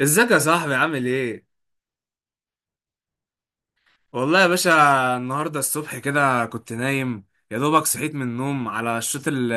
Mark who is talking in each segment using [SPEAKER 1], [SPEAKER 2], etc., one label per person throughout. [SPEAKER 1] ازيك يا صاحبي؟ عامل ايه؟ والله يا باشا، النهارده الصبح كده كنت نايم، يا دوبك صحيت من النوم على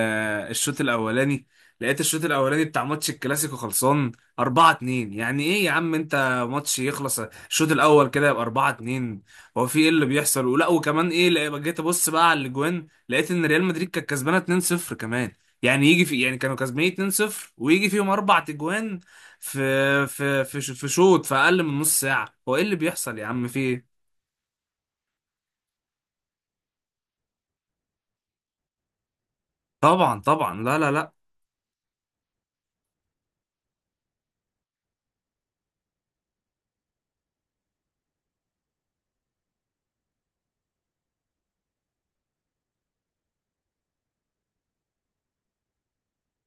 [SPEAKER 1] الشوط الاولاني. لقيت الشوط الاولاني بتاع ماتش الكلاسيكو خلصان 4-2، يعني ايه يا عم انت؟ ماتش يخلص الشوط الاول كده يبقى 4-2؟ هو في ايه اللي بيحصل؟ ولا وكمان ايه؟ جيت ابص بقى على الاجوان، لقيت ان ريال مدريد كانت كسبانه 2-0 كمان، يعني يجي في يعني كانوا كسبانين 2-0 ويجي فيهم اربع اجوان في شوط، في اقل من نص ساعه. هو ايه اللي بيحصل يا عم؟ في ايه؟ طبعا طبعا، لا لا لا.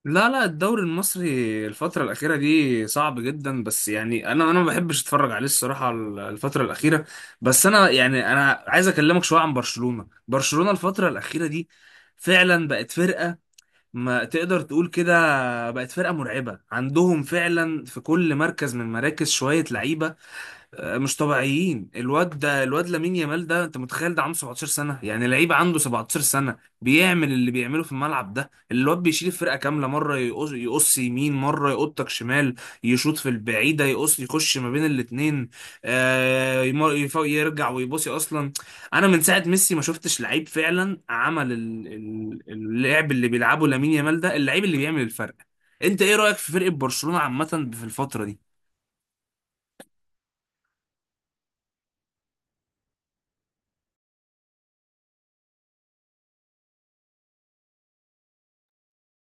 [SPEAKER 1] لا لا، الدوري المصري الفترة الأخيرة دي صعب جدا، بس يعني أنا ما بحبش أتفرج عليه الصراحة الفترة الأخيرة. بس أنا يعني أنا عايز أكلمك شوية عن برشلونة الفترة الأخيرة دي فعلا بقت فرقة، ما تقدر تقول كده، بقت فرقة مرعبة. عندهم فعلا في كل مركز من مراكز شوية لعيبة. آه، مش طبيعيين. الواد لامين يامال ده، انت متخيل ده عنده 17 سنه؟ يعني لعيب عنده 17 سنه بيعمل اللي بيعمله في الملعب ده؟ الواد بيشيل الفرقه كامله، مره يقص يمين، مره يقطك شمال، يشوط في البعيده، يقص، يخش ما بين الاتنين. آه، يرجع ويباصي اصلا. انا من ساعه ميسي ما شفتش لعيب فعلا عمل اللعب اللي بيلعبه لامين يامال ده، اللعيب اللي بيعمل الفرق. انت ايه رايك في فرقه برشلونه عامه في الفتره دي؟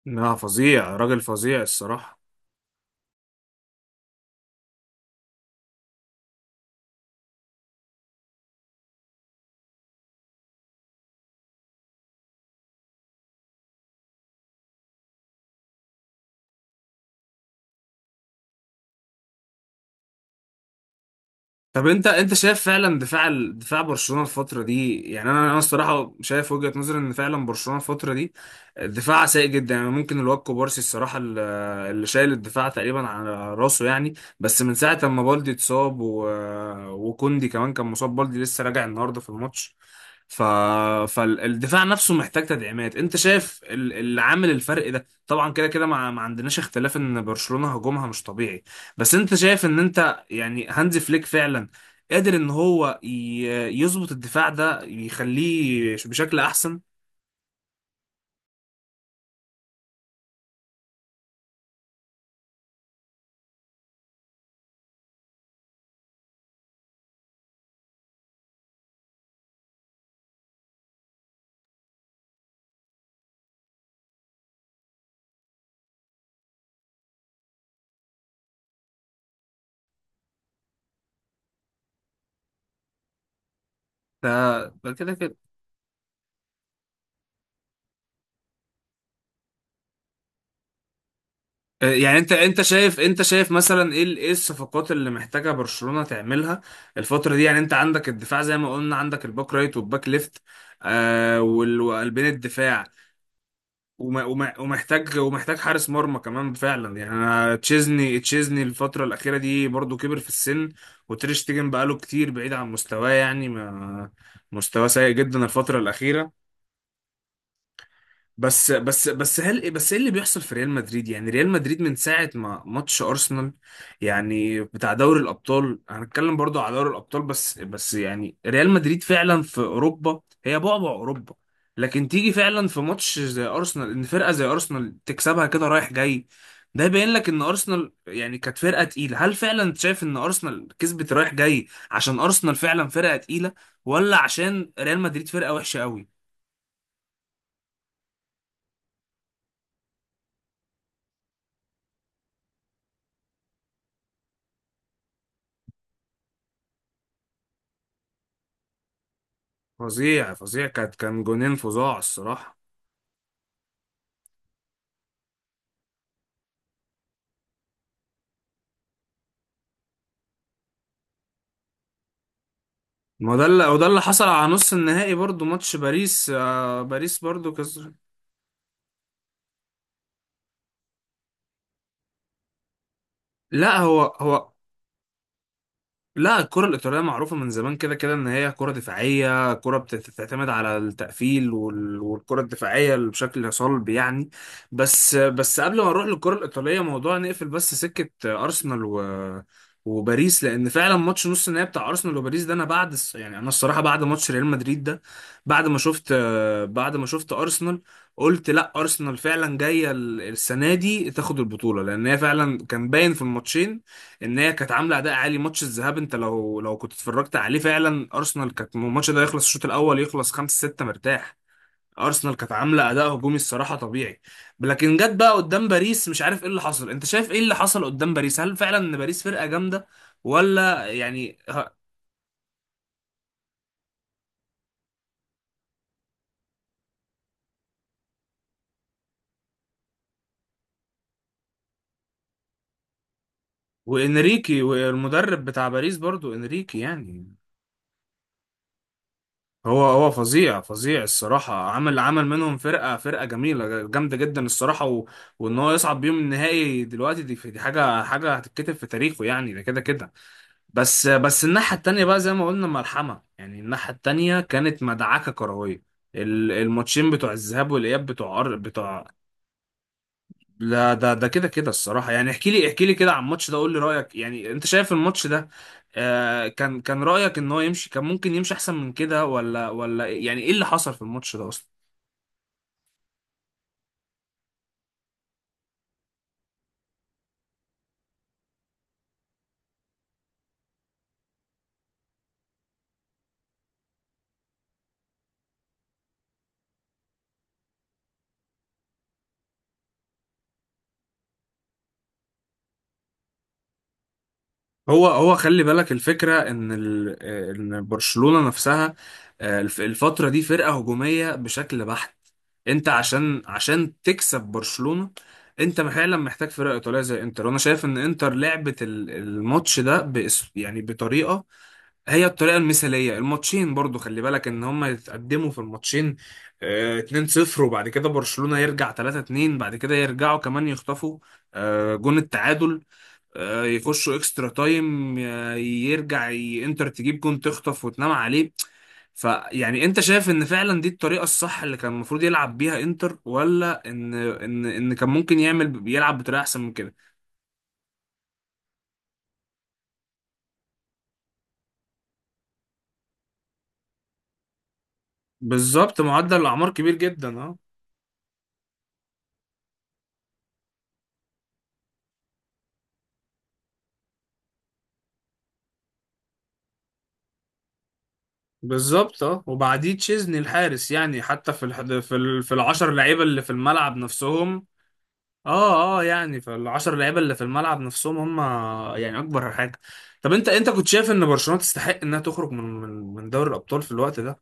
[SPEAKER 1] لا، فظيع، راجل فظيع الصراحة. طب انت شايف فعلا دفاع برشلونة الفترة دي، يعني انا الصراحة شايف وجهة نظري ان فعلا برشلونة الفترة دي دفاعها سيء جدا. يعني ممكن الواد كوبارسي الصراحة اللي شايل الدفاع تقريبا على راسه يعني. بس من ساعة ما بالدي اتصاب وكوندي كمان كان مصاب. بالدي لسه راجع النهارده في الماتش، ف... فالدفاع نفسه محتاج تدعيمات. انت شايف اللي عامل الفرق ده، طبعا كده كده ما عندناش اختلاف ان برشلونة هجومها مش طبيعي. بس انت شايف ان انت يعني هانزي فليك فعلا قادر ان هو يظبط الدفاع ده، يخليه بشكل احسن؟ ده كده كده. آه، يعني انت شايف مثلا ايه ايه الصفقات اللي محتاجه برشلونة تعملها الفترة دي؟ يعني انت عندك الدفاع زي ما قلنا، عندك الباك رايت والباك ليفت، آه، وقلبين الدفاع، ومحتاج حارس مرمى كمان فعلا. يعني انا تشيزني الفتره الاخيره دي برضو كبر في السن، وتريش تيجن بقاله كتير بعيد عن مستواه يعني، ما مستواه سيء جدا الفتره الاخيره. بس هل بس ايه اللي بيحصل في ريال مدريد؟ يعني ريال مدريد من ساعه ما ماتش ارسنال، يعني بتاع دوري الابطال، هنتكلم برضو على دوري الابطال. بس يعني ريال مدريد فعلا في اوروبا هي بعبع اوروبا، لكن تيجي فعلا في ماتش زي ارسنال ان فرقه زي ارسنال تكسبها كده رايح جاي؟ ده يبين لك ان ارسنال يعني كانت فرقه تقيله. هل فعلا شايف ان ارسنال كسبت رايح جاي عشان ارسنال فعلا فرقه تقيله، ولا عشان ريال مدريد فرقه وحشه قوي؟ فظيع فظيع، كان جونين فظاع الصراحة. ما ده اللي وده اللي حصل على نص النهائي برضو. ماتش باريس، آه، باريس برضو كسر. لا، هو لا، الكرة الإيطالية معروفة من زمان كده كده إن هي كرة دفاعية، كرة بتعتمد على التقفيل والكرة الدفاعية اللي بشكل صلب يعني. بس قبل ما نروح للكرة الإيطالية، موضوع نقفل بس سكة أرسنال و وباريس، لأن فعلا ماتش نص النهائي بتاع أرسنال وباريس ده، أنا بعد يعني أنا الصراحة بعد ماتش ريال مدريد ده، بعد ما شفت بعد ما شفت أرسنال، قلت لا، أرسنال فعلا جاية السنة دي تاخد البطولة، لأن هي فعلا كان باين في الماتشين ان هي كانت عامله اداء عالي. ماتش الذهاب انت لو كنت اتفرجت عليه، فعلا ارسنال كانت الماتش ده يخلص الشوط الاول يخلص 5-6 مرتاح. ارسنال كانت عامله اداء هجومي الصراحه طبيعي، لكن جت بقى قدام باريس مش عارف ايه اللي حصل. انت شايف ايه اللي حصل قدام باريس؟ هل فعلا ان باريس فرقه جامده، ولا يعني وانريكي والمدرب بتاع باريس برضو. انريكي يعني هو فظيع فظيع الصراحة، عمل منهم فرقة جميلة جامدة جدا الصراحة وإن هو يصعد بيهم النهائي دلوقتي، دي حاجة هتتكتب في تاريخه يعني، ده كده كده. بس الناحية التانية بقى زي ما قلنا ملحمة، يعني الناحية التانية كانت مدعكة كروية. الماتشين بتوع الذهاب والإياب بتوع أر... بتوع لا، ده كده كده الصراحة. يعني احكي لي كده عن الماتش ده، قول لي رأيك. يعني انت شايف الماتش ده، آه، كان رأيك ان هو يمشي، كان ممكن يمشي احسن من كده، ولا يعني ايه اللي حصل في الماتش ده اصلا؟ هو خلي بالك الفكرة ان ال آه، ان برشلونة نفسها آه، الفترة دي فرقة هجومية بشكل بحت. انت عشان تكسب برشلونة انت فعلا محتاج فرقة ايطالية زي انتر، وانا شايف ان انتر لعبت الماتش ده بأس يعني بطريقة، هي الطريقة المثالية. الماتشين برضو خلي بالك ان هما يتقدموا في الماتشين آه، 2-0 وبعد كده برشلونة يرجع 3-2، بعد كده يرجعوا كمان يخطفوا آه، جون التعادل، آه، يخشوا اكسترا تايم، آه، يرجع انتر تجيب جون، تخطف وتنام عليه. فيعني انت شايف ان فعلا دي الطريقة الصح اللي كان المفروض يلعب بيها انتر، ولا ان كان ممكن يعمل يلعب بطريقة احسن من كده؟ بالظبط، معدل الاعمار كبير جدا، اه. بالظبط، اه وبعديه تشيزني الحارس يعني حتى في العشر لعيبه اللي في الملعب نفسهم. اه اه، يعني في العشر لعيبه اللي في الملعب نفسهم هم، يعني اكبر حاجه. طب انت كنت شايف ان برشلونه تستحق انها تخرج من دوري الابطال في الوقت ده؟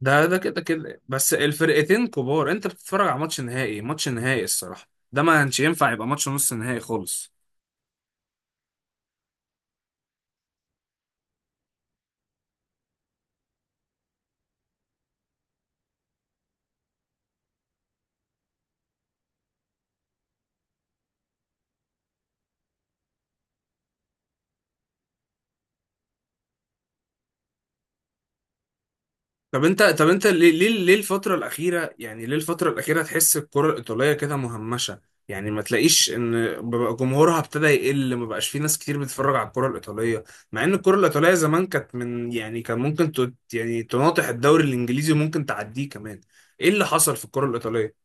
[SPEAKER 1] ده كده كده، بس الفرقتين كبار. انت بتتفرج على ماتش نهائي، ماتش نهائي الصراحه. ده ما كانش ينفع يبقى ماتش نص نهائي خالص. طب انت، ليه، الفترة الأخيرة يعني ليه الفترة الأخيرة تحس الكرة الإيطالية كده مهمشة؟ يعني ما تلاقيش إن بقى جمهورها ابتدى يقل، ما بقاش في ناس كتير بتتفرج على الكرة الإيطالية، مع إن الكرة الإيطالية زمان كانت من، يعني كان ممكن يعني تناطح الدوري الإنجليزي وممكن تعديه كمان. إيه اللي حصل في الكرة الإيطالية؟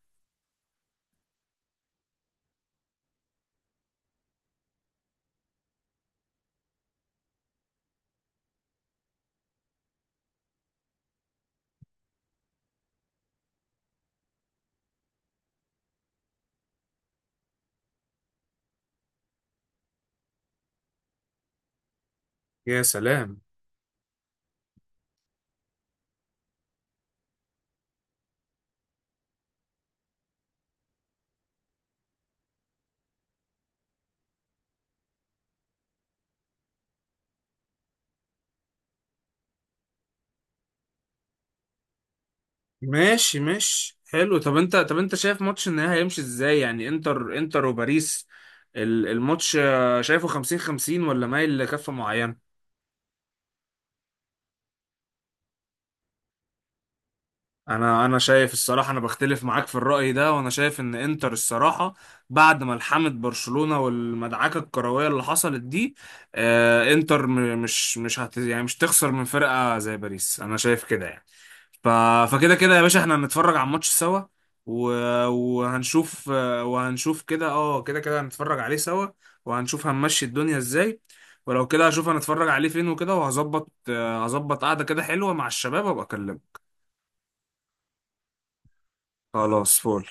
[SPEAKER 1] يا سلام. ماشي ماشي، حلو. طب انت، شايف ماتش النهائي هيمشي ازاي؟ يعني انتر وباريس. الماتش آه، شايفه 50-50 ولا مايل لكفة معينة؟ انا شايف الصراحه، انا بختلف معاك في الراي ده، وانا شايف ان انتر الصراحه بعد ما لحمت برشلونه والمدعكه الكرويه اللي حصلت دي آه، انتر م- مش مش هت يعني مش تخسر من فرقه زي باريس، انا شايف كده يعني. ف فكده كده يا باشا، احنا هنتفرج على الماتش سوا و... وهنشوف، كده كده كده هنتفرج عليه سوا، وهنشوف هنمشي الدنيا ازاي. ولو كده هشوف هنتفرج عليه فين وكده، وهظبط آه، هظبط قعده كده حلوه مع الشباب، وابقى اكلمك. خلاص، فول.